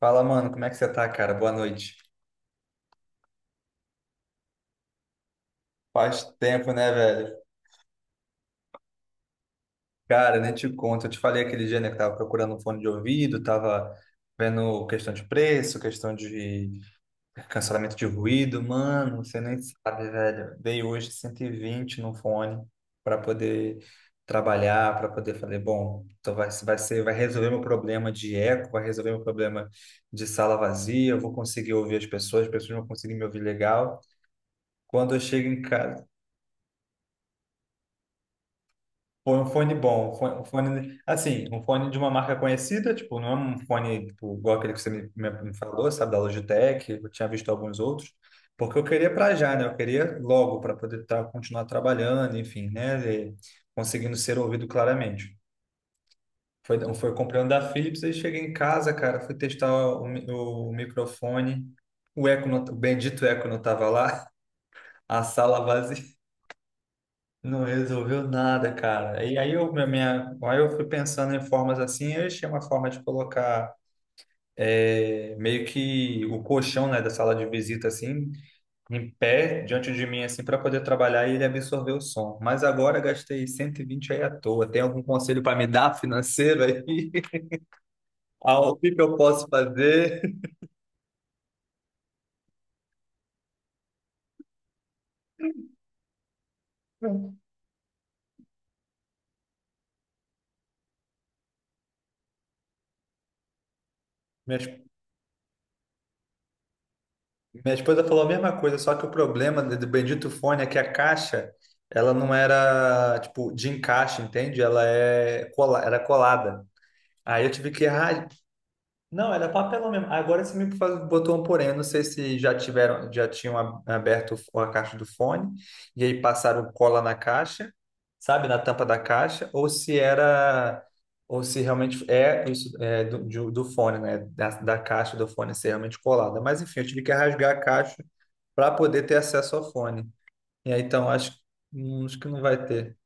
Fala, mano, como é que você tá, cara? Boa noite. Faz tempo, né, velho? Cara, nem te conto. Eu te falei aquele dia, né, que tava procurando um fone de ouvido, tava vendo questão de preço, questão de cancelamento de ruído. Mano, você nem sabe, velho. Dei hoje 120 no fone para poder trabalhar, para poder fazer, bom, então vai resolver meu problema de eco, vai resolver meu problema de sala vazia, eu vou conseguir ouvir as pessoas vão conseguir me ouvir legal. Quando eu chego em casa. Foi um fone bom, assim, um fone de uma marca conhecida, tipo, não é um fone tipo, igual aquele que você me falou, sabe, da Logitech, eu tinha visto alguns outros, porque eu queria para já, né? Eu queria logo para poder tá, continuar trabalhando, enfim, né? E conseguindo ser ouvido claramente. Foi comprando da Philips, aí cheguei em casa, cara, fui testar o microfone, o eco, não, o bendito eco não tava lá, a sala vazia. Não resolveu nada, cara. E aí eu fui pensando em formas assim, eu achei uma forma de colocar meio que o colchão, né, da sala de visita assim, em pé diante de mim assim para poder trabalhar e ele absorver o som. Mas agora gastei 120 aí à toa. Tem algum conselho para me dar financeiro aí? Ao que eu posso fazer? Minhas Minha esposa falou a mesma coisa, só que o problema do bendito fone é que a caixa, ela não era, tipo, de encaixe, entende? Era colada. Aí eu tive que ra- Não, era papelão mesmo. Agora você botou um porém. Eu não sei se já tinham aberto a caixa do fone e aí passaram cola na caixa, sabe, na tampa da caixa, ou se realmente é isso, do fone, né, da caixa do fone ser realmente colada. Mas enfim, eu tive que rasgar a caixa para poder ter acesso ao fone. E aí então acho que não vai ter.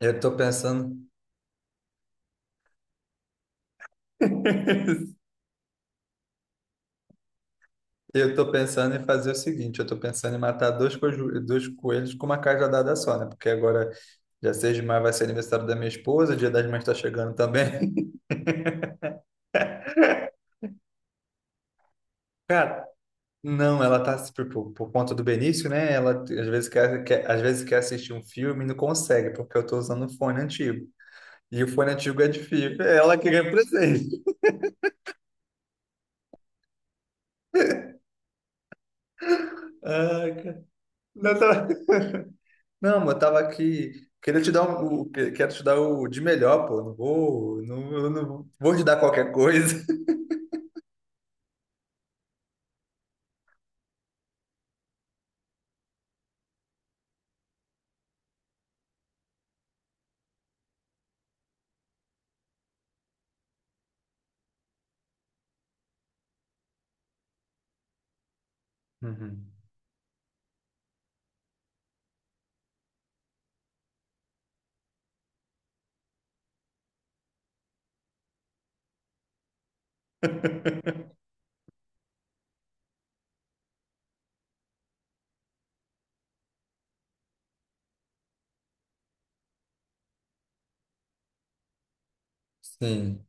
Eu tô pensando. Eu tô pensando em fazer o seguinte, eu tô pensando em matar dois coelhos com uma cajadada só, né? Porque agora, dia 6 de maio vai ser aniversário da minha esposa, dia das mães tá chegando também. Cara, não, ela tá, tipo, por conta do Benício, né? Ela às vezes quer assistir um filme e não consegue, porque eu tô usando um fone antigo. E o fone antigo é de fio. Ela que ganha presente. Ai, cara. Não, não, mas eu tava aqui... Queria te dar um, o- que- quero te dar o de melhor, pô. Não vou, não, eu não vou te dar qualquer coisa. Uhum. Sim,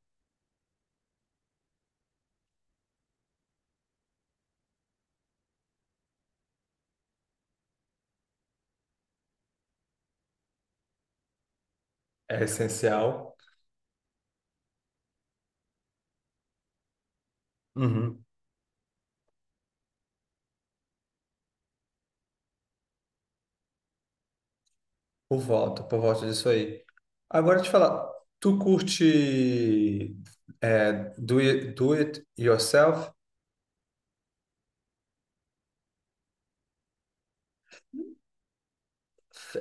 é essencial. Uhum. Por voto disso aí. Agora te falar, tu curte, é, do it yourself,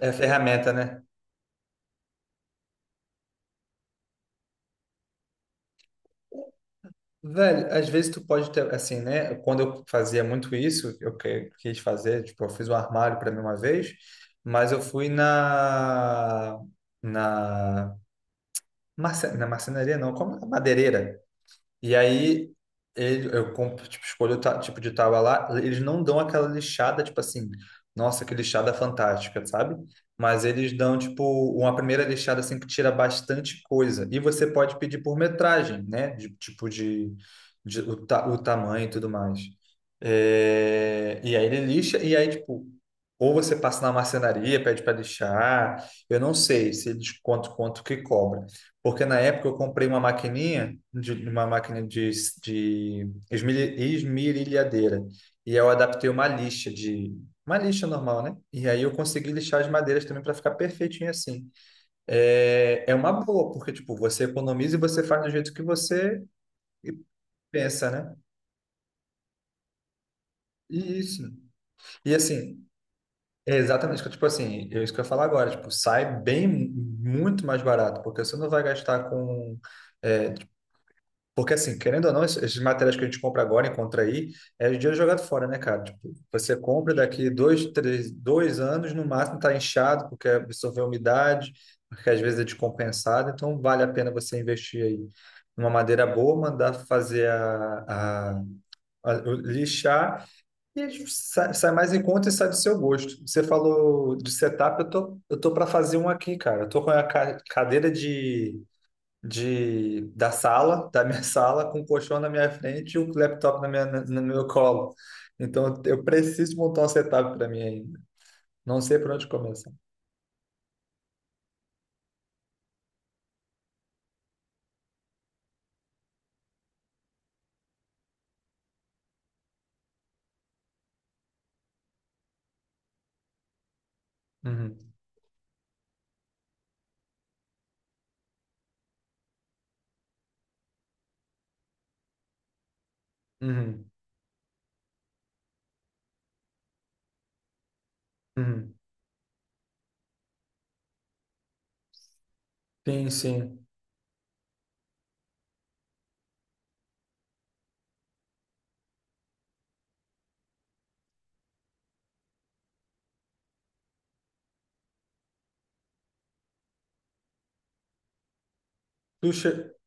É ferramenta, né? Velho, às vezes tu pode ter, assim, né? Quando eu fazia muito isso, quis fazer, tipo, eu fiz um armário para mim uma vez, mas eu fui na na na marcenaria, não, como é? Madeireira. E aí, eu compro, tipo, escolho tipo de tábua lá, eles não dão aquela lixada, tipo assim, nossa, que lixada fantástica, sabe? Mas eles dão, tipo, uma primeira lixada, assim, que tira bastante coisa. E você pode pedir por metragem, né? De, tipo, o tamanho e tudo mais. É, e aí ele lixa, e aí, tipo, ou você passa na marcenaria, pede para lixar, eu não sei se eles quanto, quanto que cobra. Porque na época eu comprei uma maquininha, de, uma máquina de esmerilhadeira, e eu adaptei uma lixa normal, né? E aí eu consegui lixar as madeiras também para ficar perfeitinho assim. É uma boa, porque tipo, você economiza e você faz do jeito que você pensa, né? Isso. E assim, é exatamente, que tipo assim, é isso que eu ia falar agora, tipo, sai bem muito mais barato, porque você não vai gastar com, é, porque, assim, querendo ou não, esses materiais que a gente compra agora, encontra aí, é dinheiro jogado fora, né, cara? Tipo, você compra daqui dois, três, dois anos, no máximo tá inchado, porque absorveu umidade, porque às vezes é descompensado, então vale a pena você investir aí numa madeira boa, mandar fazer a lixar e sai mais em conta e sai do seu gosto. Você falou de setup, eu tô, para fazer um aqui, cara. Eu tô com a cadeira de da sala, da minha sala, com o colchão na minha frente e o laptop no meu colo. Então eu preciso montar um setup para mim ainda. Não sei por onde começar. Uhum, uhum, uhum. Sim, sim. Tu che-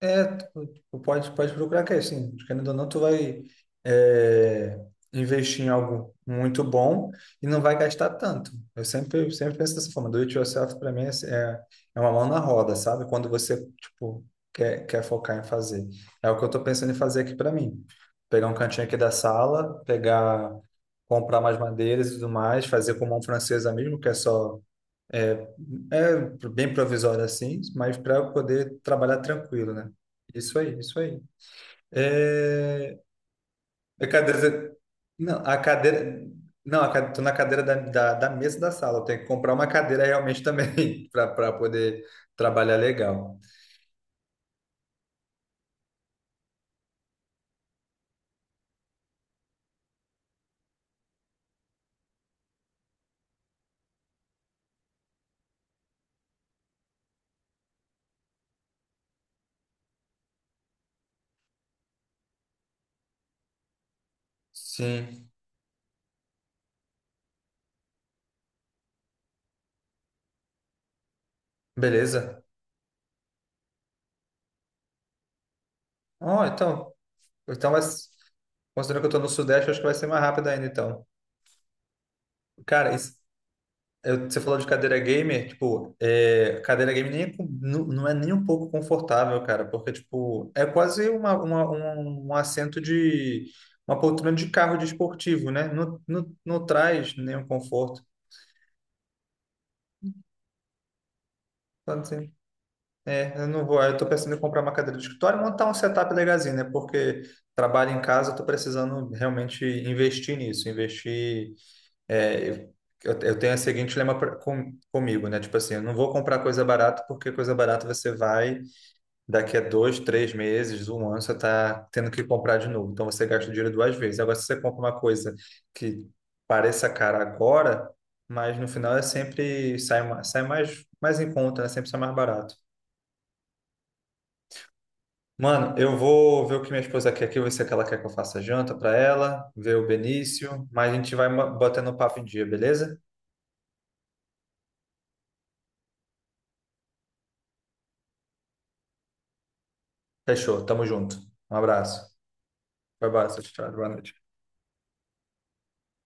É, tu pode procurar que é assim, querendo ou não, tu vai, é, investir em algo muito bom e não vai gastar tanto. Eu sempre penso dessa forma, do it yourself para mim é, é uma mão na roda, sabe? Quando você, tipo, quer focar em fazer. É o que eu tô pensando em fazer aqui para mim. Pegar um cantinho aqui da sala, pegar, comprar mais madeiras e tudo mais, fazer com mão francesa mesmo, que é só, é, é bem provisório assim, mas para poder trabalhar tranquilo, né? Isso aí, isso aí. É, a cadeira, não, a cadeira, não, a cadeira, tô na cadeira da mesa da sala. Eu tenho que comprar uma cadeira realmente também para poder trabalhar legal. Sim, beleza. Ó, então, mas, considerando que eu tô no Sudeste, acho que vai ser mais rápido ainda, então. Cara, você falou de cadeira gamer, tipo, é, cadeira gamer nem, não é nem um pouco confortável, cara, porque, tipo, é quase um assento de, uma poltrona de carro de esportivo, né? Não, não, não traz nenhum conforto. Então, assim, eu não vou, eu tô pensando em comprar uma cadeira de escritório e montar um setup legalzinho, né? Porque trabalho em casa, eu tô precisando realmente investir nisso, investir É, eu tenho o seguinte lema comigo, né? Tipo assim, eu não vou comprar coisa barata porque coisa barata você vai, daqui a dois, três meses, um ano, você tá tendo que comprar de novo. Então você gasta o dinheiro duas vezes. Agora, se você compra uma coisa que pareça cara agora, mas no final é sempre sai mais em conta, né? Sempre sai mais barato. Mano, eu vou ver o que minha esposa quer aqui, ver se é que ela quer que eu faça janta pra ela, ver o Benício, mas a gente botando o papo em dia, beleza? Fechou, tamo junto. Um abraço. Vai, tchau, tchau. Boa noite.